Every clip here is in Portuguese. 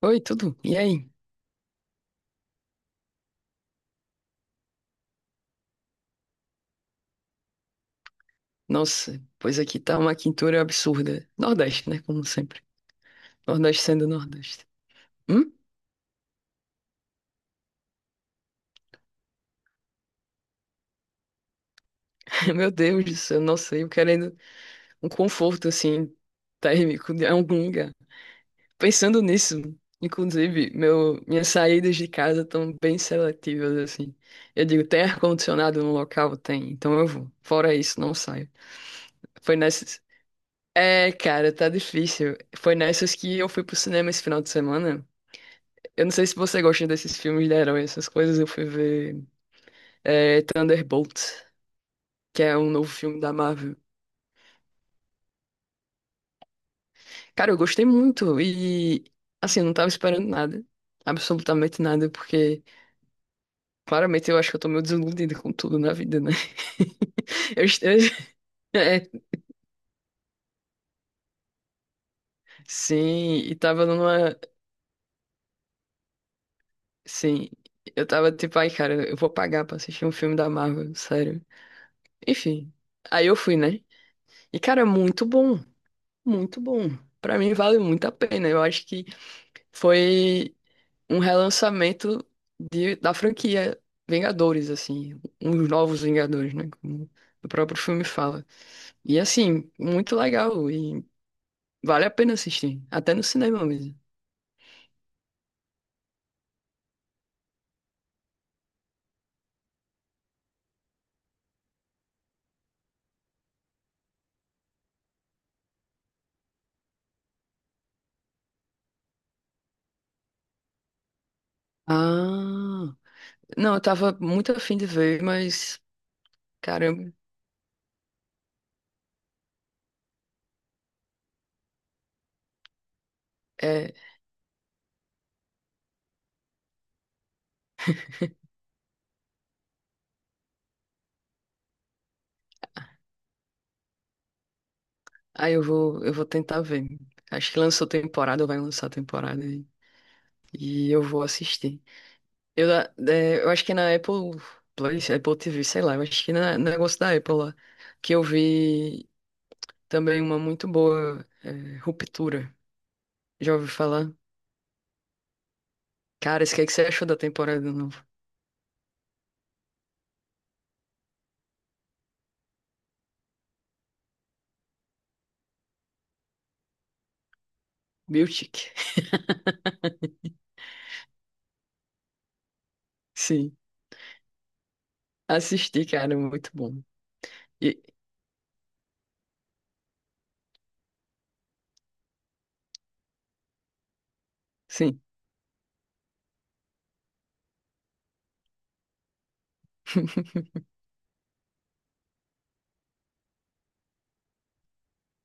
Oi, tudo? E aí? Nossa, pois aqui tá uma quintura absurda. Nordeste, né? Como sempre. Nordeste sendo Nordeste. Hum? Meu Deus do céu, nossa, eu querendo um conforto, assim, térmico de algum lugar. Pensando nisso, inclusive, minhas saídas de casa estão bem seletivas, assim. Eu digo, tem ar-condicionado no local? Tem, então eu vou. Fora isso, não saio. Foi nessas... É, cara, tá difícil. Foi nessas que eu fui pro cinema esse final de semana. Eu não sei se você gosta desses filmes de herói, essas coisas. Eu fui ver Thunderbolts, que é um novo filme da Marvel. Cara, eu gostei muito e, assim, eu não tava esperando nada. Absolutamente nada, porque claramente eu acho que eu tô meio desiludida com tudo na vida, né? Eu, est- é, sim, e tava numa. Sim, eu tava tipo, ai, cara, eu vou pagar pra assistir um filme da Marvel, sério. Enfim, aí eu fui, né? E, cara, muito bom, muito bom. Pra mim vale muito a pena. Eu acho que foi um relançamento da franquia Vingadores, assim, uns novos Vingadores, né? Como o próprio filme fala. E assim, muito legal e vale a pena assistir, até no cinema mesmo. Ah, não, eu tava muito afim de ver, mas caramba, é, aí eu vou tentar ver. Acho que lançou temporada, vai lançar temporada e eu vou assistir. É, eu acho que na Apple Play, Apple TV, sei lá, eu acho que no negócio da Apple lá, que eu vi também uma muito boa é, Ruptura. Já ouvi falar? Cara, isso que é que você achou da temporada nova? Miltic. Sim, assisti, cara, muito bom. E, sim,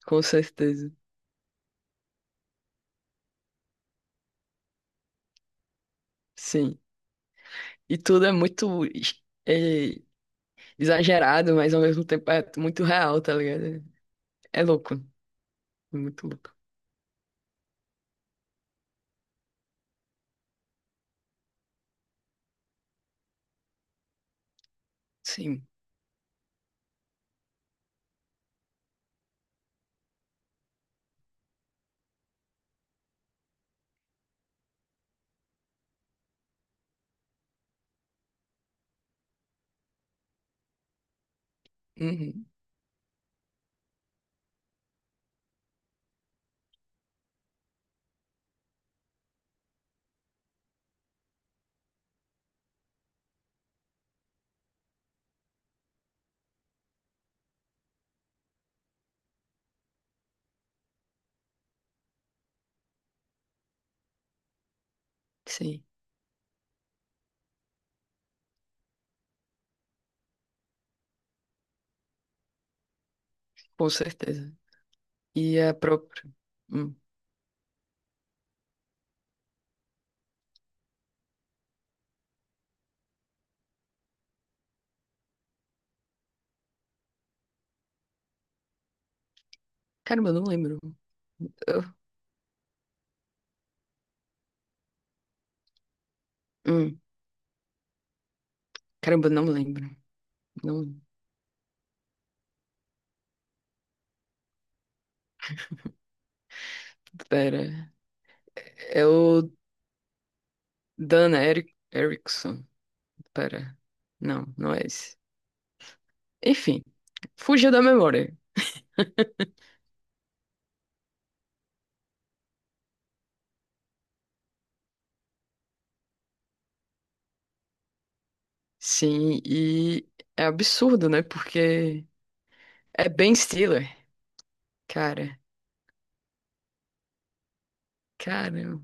com certeza, sim. E tudo é muito é, exagerado, mas ao mesmo tempo é muito real, tá ligado? É louco, é muito louco. Sim. Uhum. Sim, com certeza. E a própria. Hum. Caramba, eu não lembro. Eu- hum. Caramba, eu não lembro. Não, pera. É o Dan Erickson. Pera. Não, não é esse. Enfim, fugiu da memória. Sim, e é absurdo, né? Porque é Ben Stiller. Cara, caramba.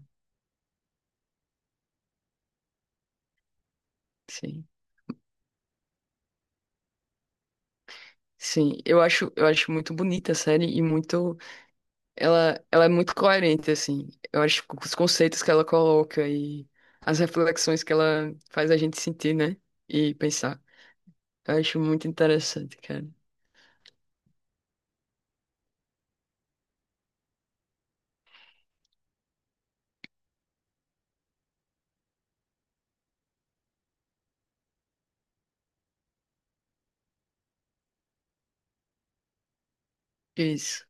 Sim. Sim, eu acho muito bonita a série e muito. Ela é muito coerente, assim. Eu acho que os conceitos que ela coloca e as reflexões que ela faz a gente sentir, né? E pensar. Eu acho muito interessante, cara. Isso.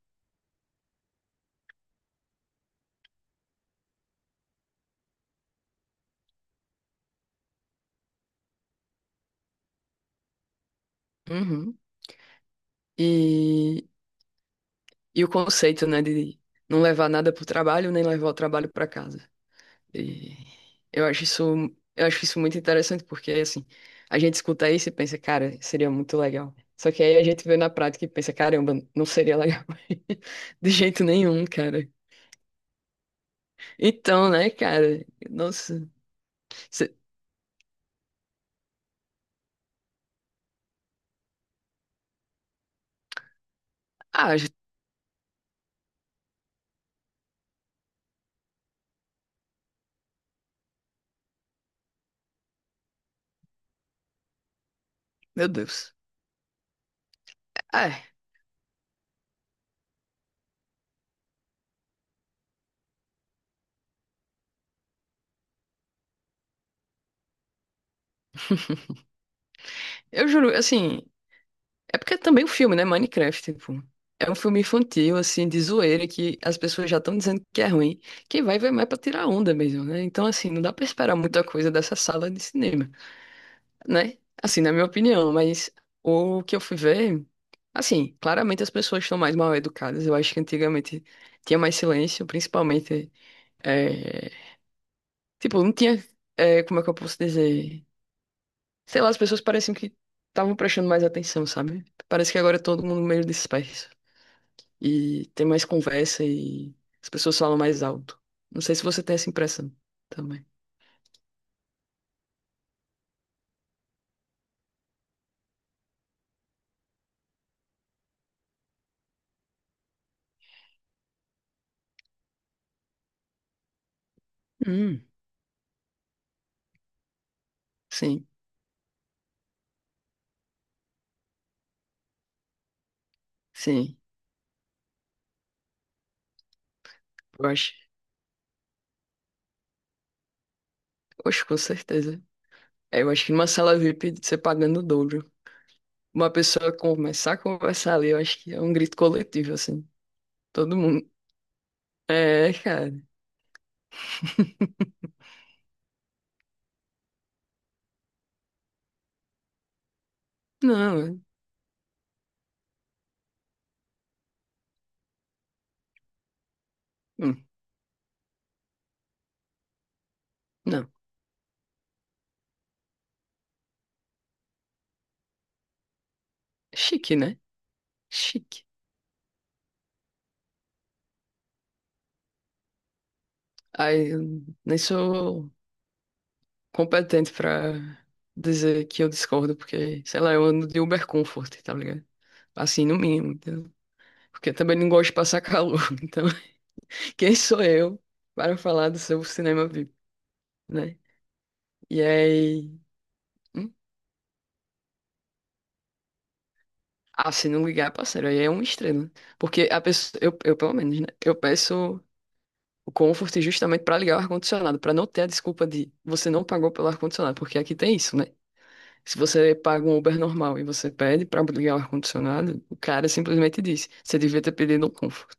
Uhum. E, e o conceito, né, de não levar nada pro trabalho, nem levar o trabalho pra casa. E eu acho isso, eu acho isso muito interessante, porque, assim, a gente escuta isso e pensa, cara, seria muito legal. Só que aí a gente vê na prática e pensa, caramba, não seria legal. De jeito nenhum, cara. Então, né, cara? Nossa. cê- Ah, j- meu Deus. Ah, eu juro, assim. É porque é também um filme, né? Minecraft, tipo. É um filme infantil, assim, de zoeira, que as pessoas já estão dizendo que é ruim. Quem vai, vai mais pra tirar onda mesmo, né? Então, assim, não dá pra esperar muita coisa dessa sala de cinema, né? Assim, na minha opinião, mas o que eu fui ver. Assim, claramente as pessoas estão mais mal educadas. Eu acho que antigamente tinha mais silêncio, principalmente. é, Tipo, não tinha. Como é que eu posso dizer? Sei lá, as pessoas pareciam que estavam prestando mais atenção, sabe? Parece que agora é todo mundo meio disperso. E tem mais conversa e as pessoas falam mais alto. Não sei se você tem essa impressão também. Hum. Sim, sim. Eu acho. Oxe, com certeza. É, eu acho que numa sala VIP, você pagando o dobro. Uma pessoa começar a conversar ali, eu acho que é um grito coletivo, assim. Todo mundo. É, cara. Não, é- hum, não. Chique, né? Chique. Aí, eu nem sou competente pra dizer que eu discordo, porque, sei lá, eu ando de Uber Comfort, tá ligado? Assim, no mínimo, entendeu? Porque eu também não gosto de passar calor. Então, quem sou eu para falar do seu cinema VIP, né? E aí. Hum? Ah, se não ligar, parceiro, aí é um estrela. Né? Porque a pessoa. Pelo menos, né? Eu peço o Comfort justamente pra ligar o ar-condicionado, pra não ter a desculpa de você não pagou pelo ar-condicionado, porque aqui tem isso, né? Se você paga um Uber normal e você pede pra ligar o ar-condicionado, o cara simplesmente diz, você devia ter pedido um Comfort.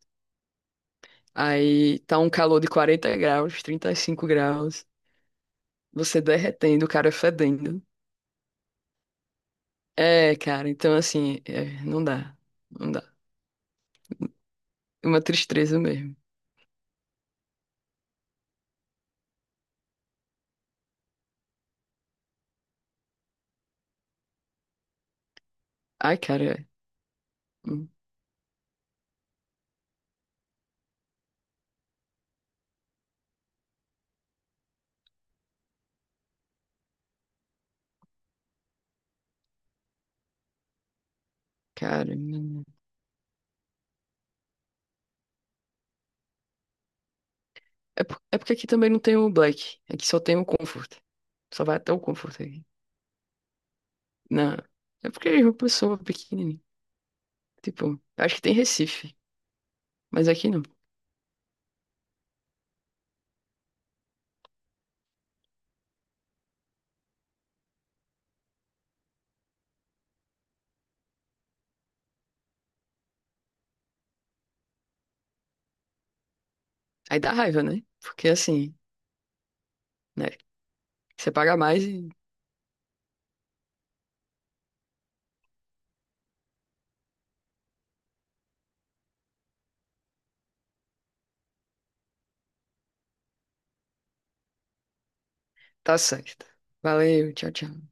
Aí tá um calor de 40 graus, 35 graus, você derretendo, o cara fedendo. É, cara, então assim, é, não dá, não dá. É uma tristeza mesmo. Ai, cara, é. Hum, cara, é porque aqui também não tem o Black, aqui só tem o Comfort. Só vai até o Comfort aqui. Não, é porque é uma pessoa pequenininha. Tipo, acho que tem Recife, mas aqui não. Aí dá raiva, né? Porque assim, né? Você paga mais e tá certo. Valeu, tchau, tchau.